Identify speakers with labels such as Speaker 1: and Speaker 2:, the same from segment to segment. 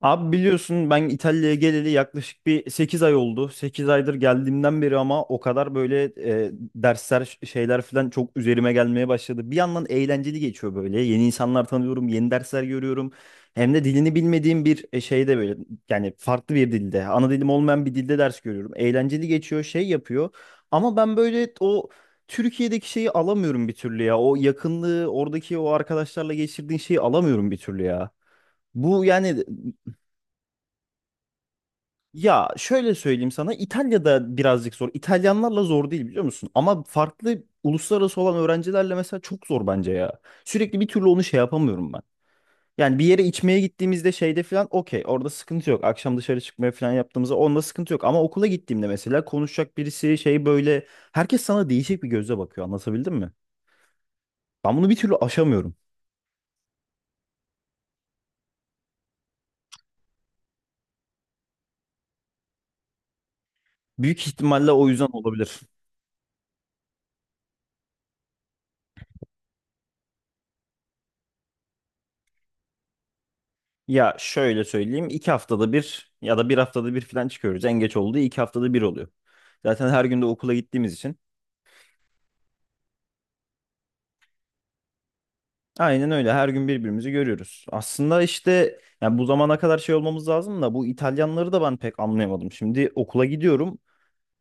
Speaker 1: Abi biliyorsun ben İtalya'ya geleli yaklaşık bir 8 ay oldu. Sekiz aydır geldiğimden beri ama o kadar böyle dersler şeyler falan çok üzerime gelmeye başladı. Bir yandan eğlenceli geçiyor böyle. Yeni insanlar tanıyorum, yeni dersler görüyorum. Hem de dilini bilmediğim bir şeyde böyle yani farklı bir dilde, ana dilim olmayan bir dilde ders görüyorum. Eğlenceli geçiyor, şey yapıyor. Ama ben böyle o Türkiye'deki şeyi alamıyorum bir türlü ya. O yakınlığı, oradaki o arkadaşlarla geçirdiğin şeyi alamıyorum bir türlü ya. Bu yani. Ya şöyle söyleyeyim sana, İtalya'da birazcık zor. İtalyanlarla zor değil, biliyor musun? Ama farklı uluslararası olan öğrencilerle mesela çok zor bence ya. Sürekli bir türlü onu şey yapamıyorum ben. Yani bir yere içmeye gittiğimizde şeyde falan okey, orada sıkıntı yok. Akşam dışarı çıkmaya falan yaptığımızda onda sıkıntı yok. Ama okula gittiğimde mesela konuşacak birisi şey böyle, herkes sana değişik bir gözle bakıyor, anlatabildim mi? Ben bunu bir türlü aşamıyorum. Büyük ihtimalle o yüzden olabilir. Ya şöyle söyleyeyim, iki haftada bir ya da bir haftada bir falan çıkıyoruz. En geç olduğu iki haftada bir oluyor. Zaten her gün de okula gittiğimiz için. Aynen öyle, her gün birbirimizi görüyoruz. Aslında işte yani bu zamana kadar şey olmamız lazım da bu İtalyanları da ben pek anlayamadım. Şimdi okula gidiyorum.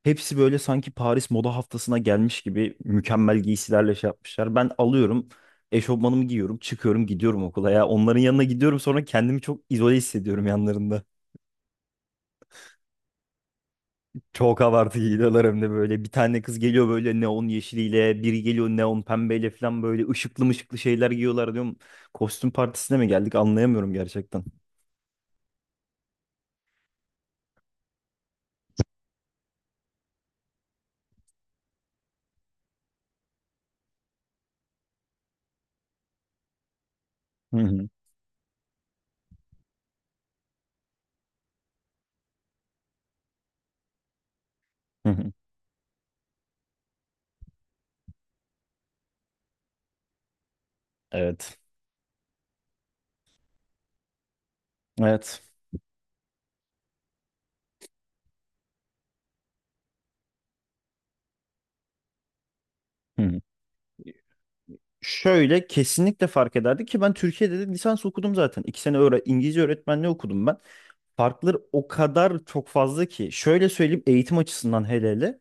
Speaker 1: Hepsi böyle sanki Paris moda haftasına gelmiş gibi mükemmel giysilerle şey yapmışlar. Ben alıyorum, eşofmanımı giyiyorum, çıkıyorum, gidiyorum okula ya. Onların yanına gidiyorum, sonra kendimi çok izole hissediyorum yanlarında. Çok abartı geliyorlar hem de böyle. Bir tane kız geliyor böyle neon yeşiliyle, biri geliyor neon pembeyle falan, böyle ışıklı mışıklı şeyler giyiyorlar diyorum. Kostüm partisine mi geldik, anlayamıyorum gerçekten. Hı hı, hı hı. Evet. Evet. Hı hı. Şöyle, kesinlikle fark ederdi ki ben Türkiye'de de lisans okudum zaten. İki sene İngilizce öğretmenliği okudum ben. Farkları o kadar çok fazla ki. Şöyle söyleyeyim, eğitim açısından hele hele,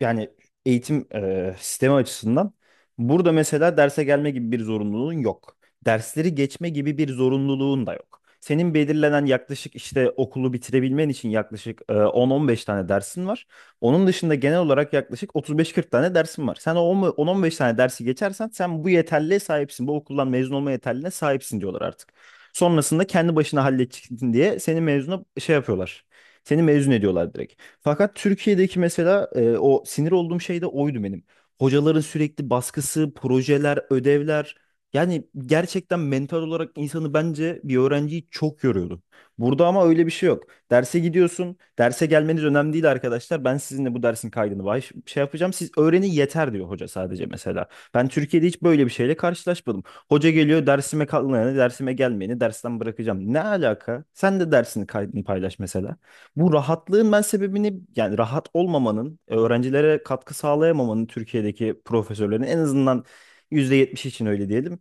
Speaker 1: yani eğitim sistemi açısından burada mesela derse gelme gibi bir zorunluluğun yok. Dersleri geçme gibi bir zorunluluğun da yok. Senin belirlenen yaklaşık işte, okulu bitirebilmen için yaklaşık 10-15 tane dersin var. Onun dışında genel olarak yaklaşık 35-40 tane dersin var. Sen o 10-15 tane dersi geçersen sen bu yeterliğe sahipsin. Bu okuldan mezun olma yeterliğine sahipsin diyorlar artık. Sonrasında kendi başına halledeceksin diye seni mezuna şey yapıyorlar. Seni mezun ediyorlar direkt. Fakat Türkiye'deki mesela o sinir olduğum şey de oydu benim. Hocaların sürekli baskısı, projeler, ödevler. Yani gerçekten mental olarak insanı, bence bir öğrenciyi çok yoruyordu. Burada ama öyle bir şey yok. Derse gidiyorsun. Derse gelmeniz önemli değil arkadaşlar. Ben sizinle bu dersin kaydını şey yapacağım. Siz öğrenin yeter, diyor hoca sadece mesela. Ben Türkiye'de hiç böyle bir şeyle karşılaşmadım. Hoca geliyor, dersime kalmayanı, dersime gelmeyeni dersten bırakacağım. Ne alaka? Sen de dersini, kaydını paylaş mesela. Bu rahatlığın ben sebebini, yani rahat olmamanın, öğrencilere katkı sağlayamamanın Türkiye'deki profesörlerin en azından %70 için öyle diyelim.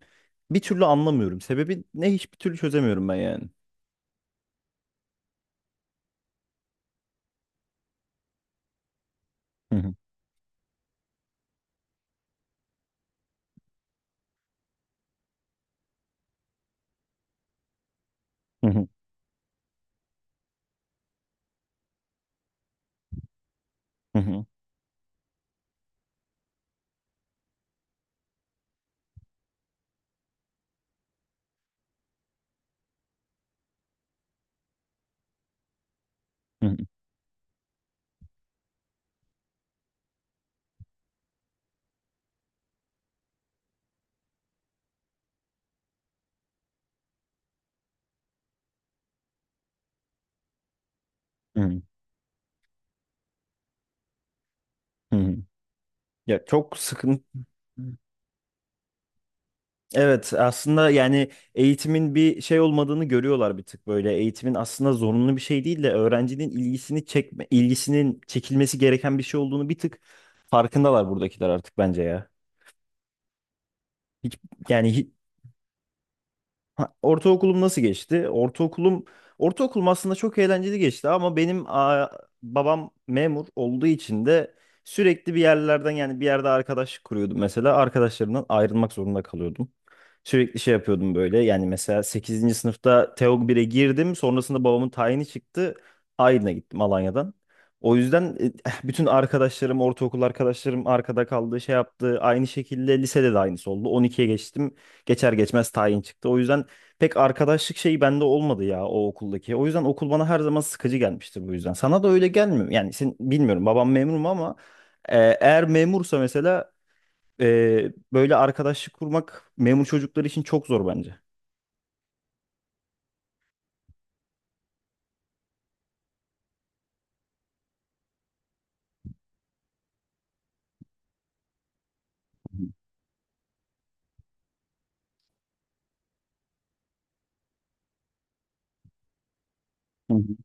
Speaker 1: Bir türlü anlamıyorum. Sebebi ne, hiçbir türlü çözemiyorum ben yani. Hı hı, hı hı, hı hı, hı hı, hı hı, hı hı. Ya çok sıkıntı. Evet, aslında yani eğitimin bir şey olmadığını görüyorlar bir tık böyle. Eğitimin aslında zorunlu bir şey değil de öğrencinin ilgisini çekme, ilgisinin çekilmesi gereken bir şey olduğunu bir tık farkındalar buradakiler artık bence ya. Hiç, yani hi- Ha, ortaokulum nasıl geçti? Ortaokulum aslında çok eğlenceli geçti ama benim babam memur olduğu için de sürekli bir yerlerden, yani bir yerde arkadaşlık kuruyordum mesela, arkadaşlarımdan ayrılmak zorunda kalıyordum. Sürekli şey yapıyordum böyle yani, mesela sekizinci sınıfta TEOG 1'e girdim, sonrasında babamın tayini çıktı, Aydın'a gittim Alanya'dan. O yüzden bütün arkadaşlarım, ortaokul arkadaşlarım arkada kaldı şey yaptı, aynı şekilde lisede de aynısı oldu, on ikiye geçtim, geçer geçmez tayin çıktı. O yüzden pek arkadaşlık şeyi bende olmadı ya, o okuldaki. O yüzden okul bana her zaman sıkıcı gelmiştir bu yüzden. Sana da öyle gelmiyor. Yani sen, bilmiyorum, babam memur mu ama eğer memursa mesela, böyle arkadaşlık kurmak memur çocukları için çok zor bence. Hı hı,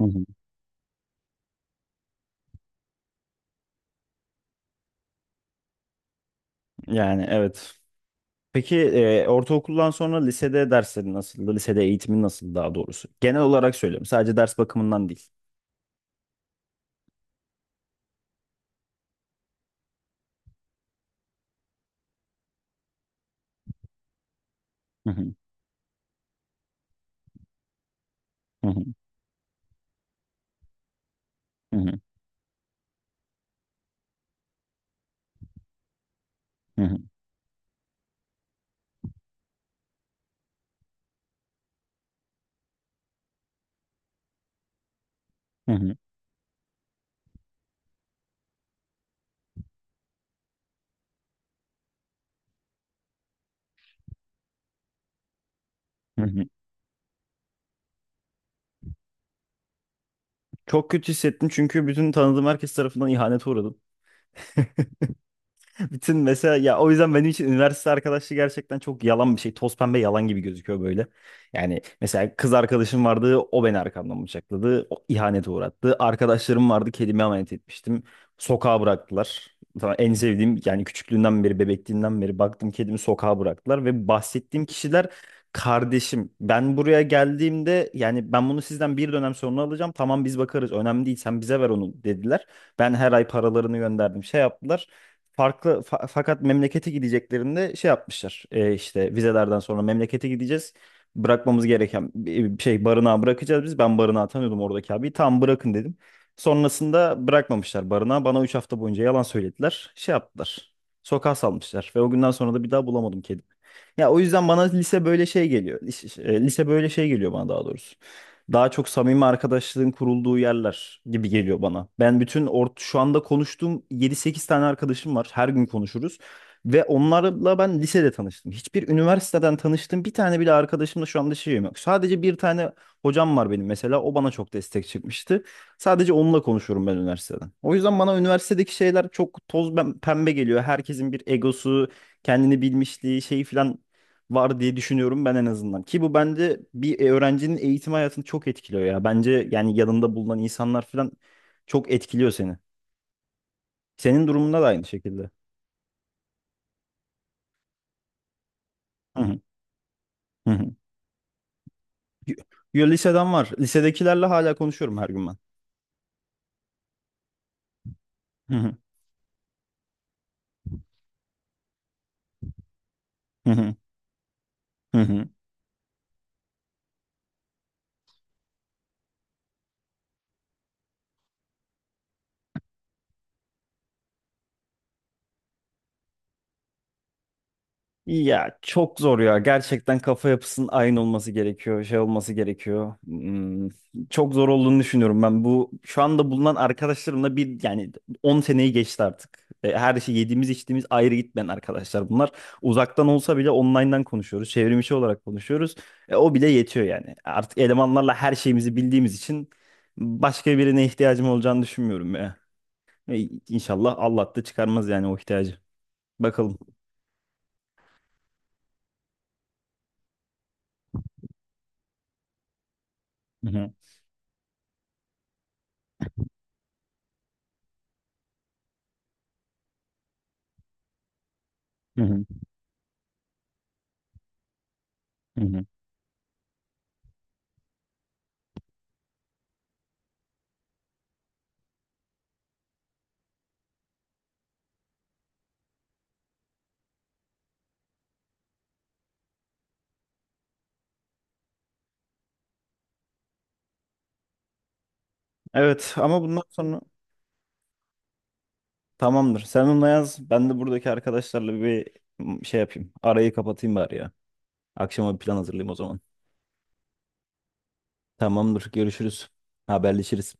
Speaker 1: hı hı. Yani evet. Peki ortaokuldan sonra lisede derslerin nasıldı? Lisede eğitimin nasıldı daha doğrusu? Genel olarak söylüyorum. Sadece ders bakımından değil. Hı hı, hı hı, hı hı, hı hı, hı hı, hı hı. Çok kötü hissettim, çünkü bütün tanıdığım herkes tarafından ihanete uğradım. Bütün mesela ya, o yüzden benim için üniversite arkadaşlığı gerçekten çok yalan bir şey. Toz pembe yalan gibi gözüküyor böyle. Yani mesela kız arkadaşım vardı, o beni arkamdan bıçakladı. O ihanete uğrattı. Arkadaşlarım vardı, kedime emanet etmiştim. Sokağa bıraktılar. Tamam, en sevdiğim, yani küçüklüğünden beri, bebekliğinden beri baktım kedimi, sokağa bıraktılar. Ve bahsettiğim kişiler, kardeşim, ben buraya geldiğimde yani ben bunu sizden bir dönem sonra alacağım. Tamam biz bakarız, önemli değil, sen bize ver onu, dediler. Ben her ay paralarını gönderdim, şey yaptılar farklı fakat memlekete gideceklerinde şey yapmışlar. E, işte vizelerden sonra memlekete gideceğiz. Bırakmamız gereken bir şey, barınağa bırakacağız biz. Ben barınağı tanıyordum, oradaki abi. Tam bırakın, dedim. Sonrasında bırakmamışlar barınağı. Bana 3 hafta boyunca yalan söylediler. Şey yaptılar. Sokağa salmışlar ve o günden sonra da bir daha bulamadım kedimi. Ya o yüzden bana lise böyle şey geliyor. Lise, lise böyle şey geliyor bana daha doğrusu, daha çok samimi arkadaşlığın kurulduğu yerler gibi geliyor bana. Ben bütün ort şu anda konuştuğum yedi sekiz tane arkadaşım var. Her gün konuşuruz. Ve onlarla ben lisede tanıştım. Hiçbir üniversiteden tanıştığım bir tane bile arkadaşımla şu anda şeyim yok. Sadece bir tane hocam var benim mesela. O bana çok destek çıkmıştı. Sadece onunla konuşuyorum ben üniversiteden. O yüzden bana üniversitedeki şeyler çok toz pembe geliyor. Herkesin bir egosu, kendini bilmişliği, şeyi falan var diye düşünüyorum ben en azından. Ki bu bence bir öğrencinin eğitim hayatını çok etkiliyor ya. Bence yani yanında bulunan insanlar falan çok etkiliyor seni. Senin durumunda da aynı şekilde. Hı hı. Hı hı. Yo, liseden var. Lisedekilerle hala konuşuyorum her gün ben. Hı hı. Hı hı. Hı hı. Ya çok zor ya. Gerçekten kafa yapısının aynı olması gerekiyor. Şey olması gerekiyor. Hmm, çok zor olduğunu düşünüyorum ben. Bu şu anda bulunan arkadaşlarımla bir, yani 10 seneyi geçti artık. Her şey yediğimiz içtiğimiz ayrı gitmeyen arkadaşlar bunlar. Uzaktan olsa bile online'dan konuşuyoruz. Çevrimiçi olarak konuşuyoruz. O bile yetiyor yani. Artık elemanlarla her şeyimizi bildiğimiz için başka birine ihtiyacım olacağını düşünmüyorum ya. E, İnşallah Allah da çıkarmaz yani o ihtiyacı. Bakalım. Hı hı, hı hı, hı hı. Evet, ama bundan sonra tamamdır. Sen onunla yaz. Ben de buradaki arkadaşlarla bir şey yapayım. Arayı kapatayım bari ya. Akşama bir plan hazırlayayım o zaman. Tamamdır. Görüşürüz. Haberleşiriz.